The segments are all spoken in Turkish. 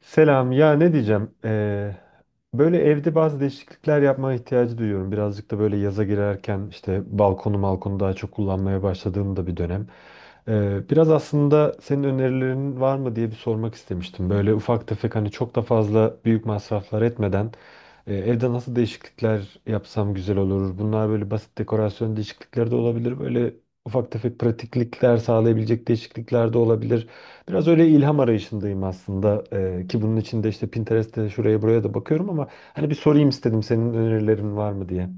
Selam. Ya ne diyeceğim? Böyle evde bazı değişiklikler yapmaya ihtiyacı duyuyorum. Birazcık da böyle yaza girerken işte balkonu daha çok kullanmaya başladığım da bir dönem. Biraz aslında senin önerilerin var mı diye bir sormak istemiştim. Böyle ufak tefek hani çok da fazla büyük masraflar etmeden evde nasıl değişiklikler yapsam güzel olur? Bunlar böyle basit dekorasyon değişiklikleri de olabilir. Böyle ufak tefek pratiklikler sağlayabilecek değişiklikler de olabilir. Biraz öyle ilham arayışındayım aslında, ki bunun için de işte Pinterest'te şuraya buraya da bakıyorum ama hani bir sorayım istedim senin önerilerin var mı diye.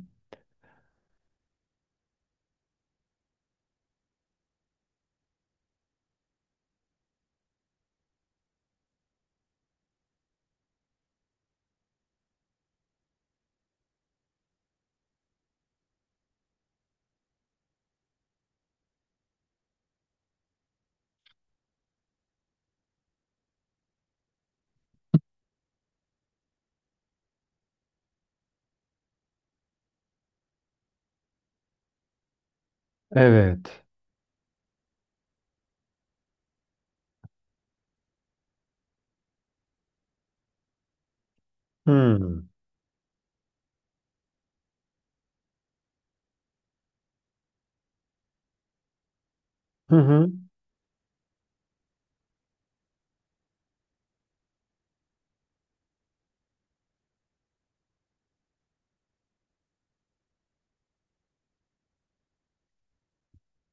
Evet. Hmm. Hı hı.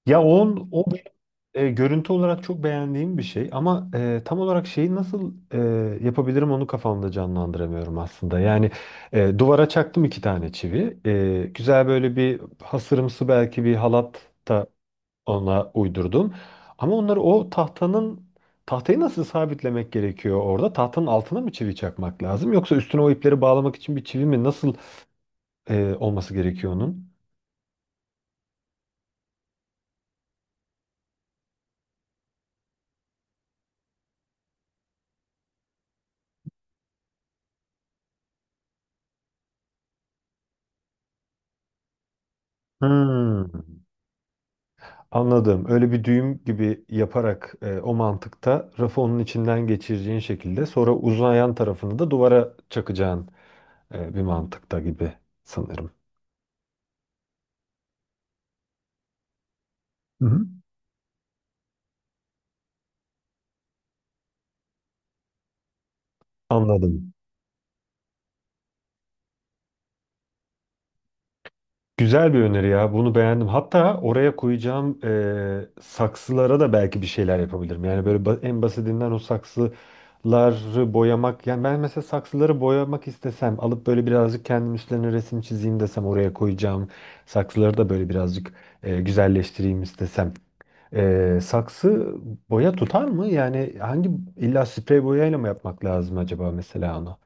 Ya o görüntü olarak çok beğendiğim bir şey ama tam olarak şeyi nasıl yapabilirim onu kafamda canlandıramıyorum aslında. Yani duvara çaktım iki tane çivi. Güzel böyle bir hasırımsı belki bir halat ona uydurdum. Ama onları o tahtayı nasıl sabitlemek gerekiyor orada? Tahtanın altına mı çivi çakmak lazım? Yoksa üstüne o ipleri bağlamak için bir çivi mi? Nasıl olması gerekiyor onun? Hmm, anladım. Öyle bir düğüm gibi yaparak o mantıkta rafı onun içinden geçireceğin şekilde sonra uzayan tarafını da duvara çakacağın bir mantıkta gibi sanırım. Hı hı. Anladım. Güzel bir öneri ya. Bunu beğendim. Hatta oraya koyacağım, saksılara da belki bir şeyler yapabilirim. Yani böyle en basitinden o saksıları boyamak. Yani ben mesela saksıları boyamak istesem alıp böyle birazcık kendim üstlerine resim çizeyim desem oraya koyacağım. Saksıları da böyle birazcık güzelleştireyim istesem. Saksı boya tutar mı? Yani hangi, illa sprey boyayla mı yapmak lazım acaba mesela onu?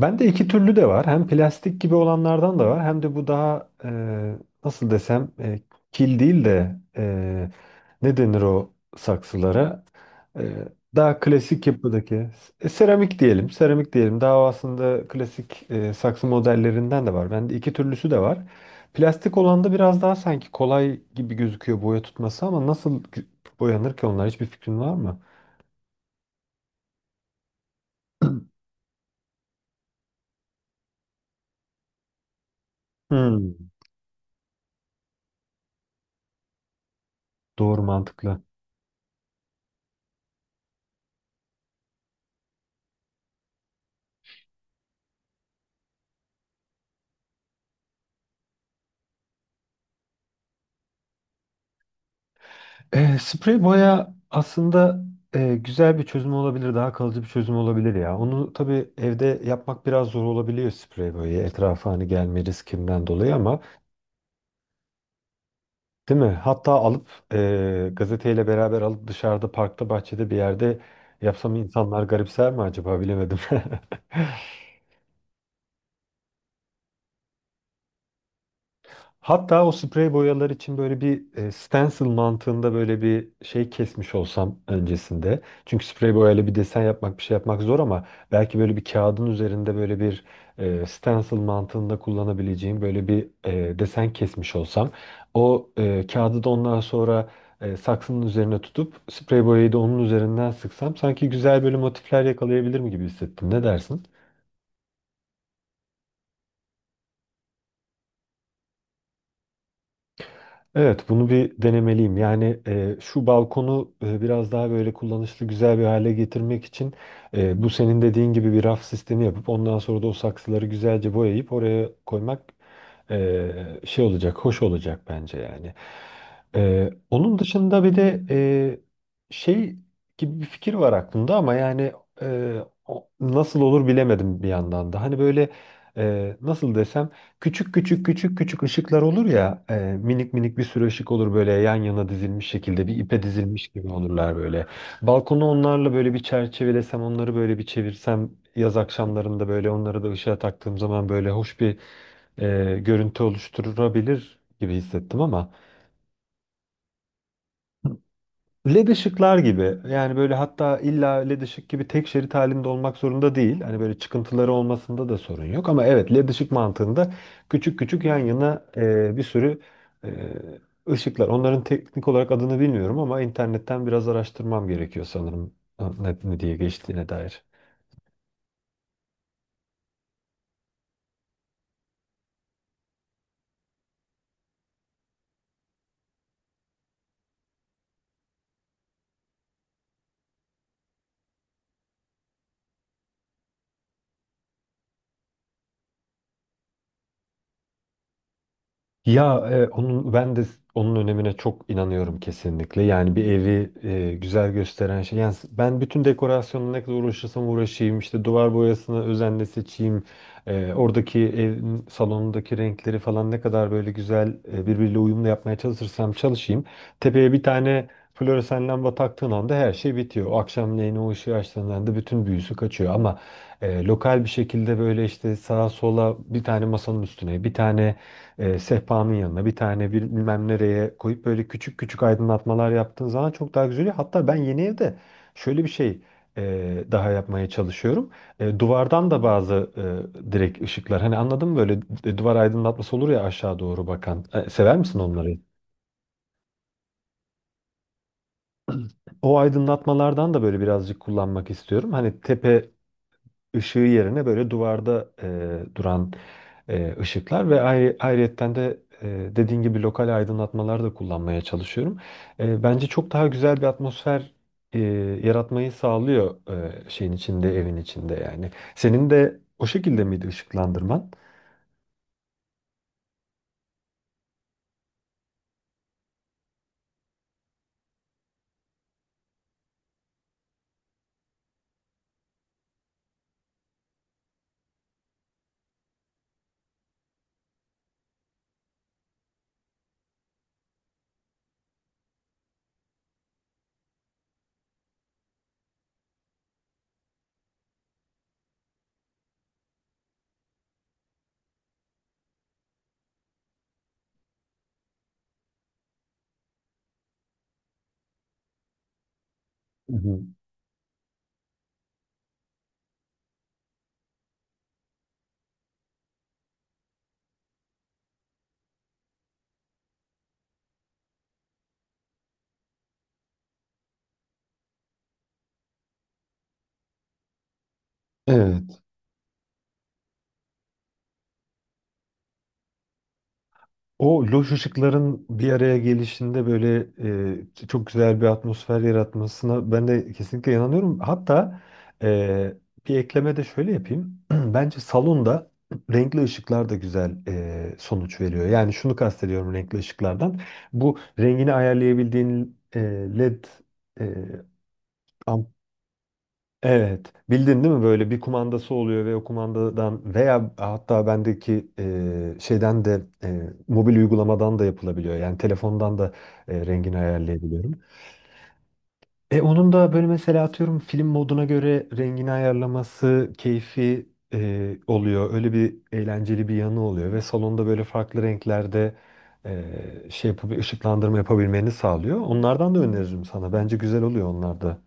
Bende iki türlü de var. Hem plastik gibi olanlardan da var. Hem de bu daha, nasıl desem, kil değil de ne denir o saksılara? E, daha klasik yapıdaki seramik diyelim. Seramik diyelim. Daha aslında klasik saksı modellerinden de var. Bende iki türlüsü de var. Plastik olan da biraz daha sanki kolay gibi gözüküyor boya tutması, ama nasıl boyanır ki onlar? Hiçbir fikrin var mı? Hmm, doğru, mantıklı. Sprey boya aslında güzel bir çözüm olabilir, daha kalıcı bir çözüm olabilir ya. Onu tabii evde yapmak biraz zor olabiliyor, sprey boyayı etrafa hani gelme riskinden dolayı ama, değil mi? Hatta alıp gazeteyle beraber alıp dışarıda parkta bahçede bir yerde yapsam insanlar garipser mi acaba, bilemedim. Hatta o sprey boyalar için böyle bir stencil mantığında böyle bir şey kesmiş olsam öncesinde. Çünkü sprey boyayla bir desen yapmak, bir şey yapmak zor, ama belki böyle bir kağıdın üzerinde böyle bir stencil mantığında kullanabileceğim böyle bir desen kesmiş olsam. O kağıdı da ondan sonra saksının üzerine tutup sprey boyayı da onun üzerinden sıksam sanki güzel böyle motifler yakalayabilirim gibi hissettim. Ne dersin? Evet, bunu bir denemeliyim. Yani şu balkonu biraz daha böyle kullanışlı, güzel bir hale getirmek için bu senin dediğin gibi bir raf sistemi yapıp ondan sonra da o saksıları güzelce boyayıp oraya koymak e, şey olacak, hoş olacak bence yani. Onun dışında bir de şey gibi bir fikir var aklımda ama yani, e, nasıl olur bilemedim bir yandan da. Hani böyle, nasıl desem. Küçük küçük küçük küçük ışıklar olur ya, minik minik bir sürü ışık olur, böyle yan yana dizilmiş şekilde, bir ipe dizilmiş gibi olurlar böyle. Balkonu onlarla böyle bir çerçevelesem, onları böyle bir çevirsem, yaz akşamlarında böyle onları da ışığa taktığım zaman böyle hoş bir görüntü oluşturabilir gibi hissettim ama. LED ışıklar gibi, yani böyle hatta illa LED ışık gibi tek şerit halinde olmak zorunda değil. Hani böyle çıkıntıları olmasında da sorun yok, ama evet, LED ışık mantığında küçük küçük yan yana bir sürü ışıklar. Onların teknik olarak adını bilmiyorum ama internetten biraz araştırmam gerekiyor sanırım ne diye geçtiğine dair. Ya e, onun ben de onun önemine çok inanıyorum kesinlikle. Yani bir evi güzel gösteren şey. Yani ben bütün dekorasyonla ne kadar uğraşırsam uğraşayım, işte duvar boyasını özenle seçeyim, oradaki evin salonundaki renkleri falan ne kadar böyle güzel birbiriyle uyumlu yapmaya çalışırsam çalışayım. Tepeye bir tane floresan lamba taktığın anda her şey bitiyor. O akşamleyin o ışığı açtığında anda bütün büyüsü kaçıyor, ama lokal bir şekilde böyle işte sağa sola, bir tane masanın üstüne, bir tane sehpanın yanına, bir tane bir bilmem nereye koyup böyle küçük küçük aydınlatmalar yaptığın zaman çok daha güzel oluyor. Hatta ben yeni evde şöyle bir şey daha yapmaya çalışıyorum. Duvardan da bazı direkt ışıklar, hani anladın mı, böyle duvar aydınlatması olur ya, aşağı doğru bakan. Sever misin onları? O aydınlatmalardan da böyle birazcık kullanmak istiyorum. Hani tepe ışığı yerine böyle duvarda duran ışıklar ve ayrıyetten de dediğin gibi lokal aydınlatmalar da kullanmaya çalışıyorum. Bence çok daha güzel bir atmosfer e, yaratmayı sağlıyor şeyin içinde, evin içinde yani. Senin de o şekilde miydi ışıklandırman? Hı hı. Evet. O loş ışıkların bir araya gelişinde böyle çok güzel bir atmosfer yaratmasına ben de kesinlikle inanıyorum. Hatta e, bir ekleme de şöyle yapayım. Bence salonda renkli ışıklar da güzel sonuç veriyor. Yani şunu kastediyorum renkli ışıklardan. Bu rengini ayarlayabildiğin LED e, Evet. Bildin, değil mi? Böyle bir kumandası oluyor ve o kumandadan veya hatta bendeki şeyden de, mobil uygulamadan da yapılabiliyor. Yani telefondan da rengini ayarlayabiliyorum. Onun da böyle mesela atıyorum film moduna göre rengini ayarlaması keyfi oluyor. Öyle bir eğlenceli bir yanı oluyor ve salonda böyle farklı renklerde şey yapıp ışıklandırma yapabilmeni sağlıyor. Onlardan da öneririm sana. Bence güzel oluyor onlar da.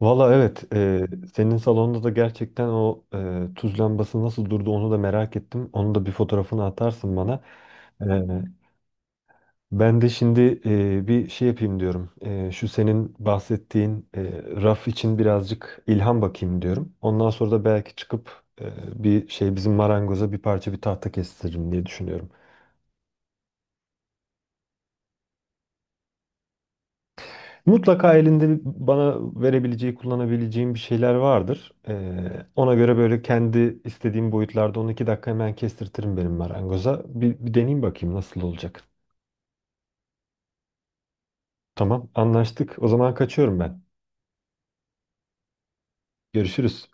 Valla evet, senin salonda da gerçekten o tuz lambası nasıl durdu onu da merak ettim. Onu da bir fotoğrafını atarsın bana. E, ben de şimdi bir şey yapayım diyorum. Şu senin bahsettiğin raf için birazcık ilham bakayım diyorum. Ondan sonra da belki çıkıp bir şey bizim marangoza bir parça bir tahta kestiririm diye düşünüyorum. Mutlaka elinde bana verebileceği, kullanabileceğim bir şeyler vardır. Ona göre böyle kendi istediğim boyutlarda 12 dakika hemen kestirtirim benim marangoza. Bir deneyeyim bakayım nasıl olacak. Tamam, anlaştık. O zaman kaçıyorum ben. Görüşürüz.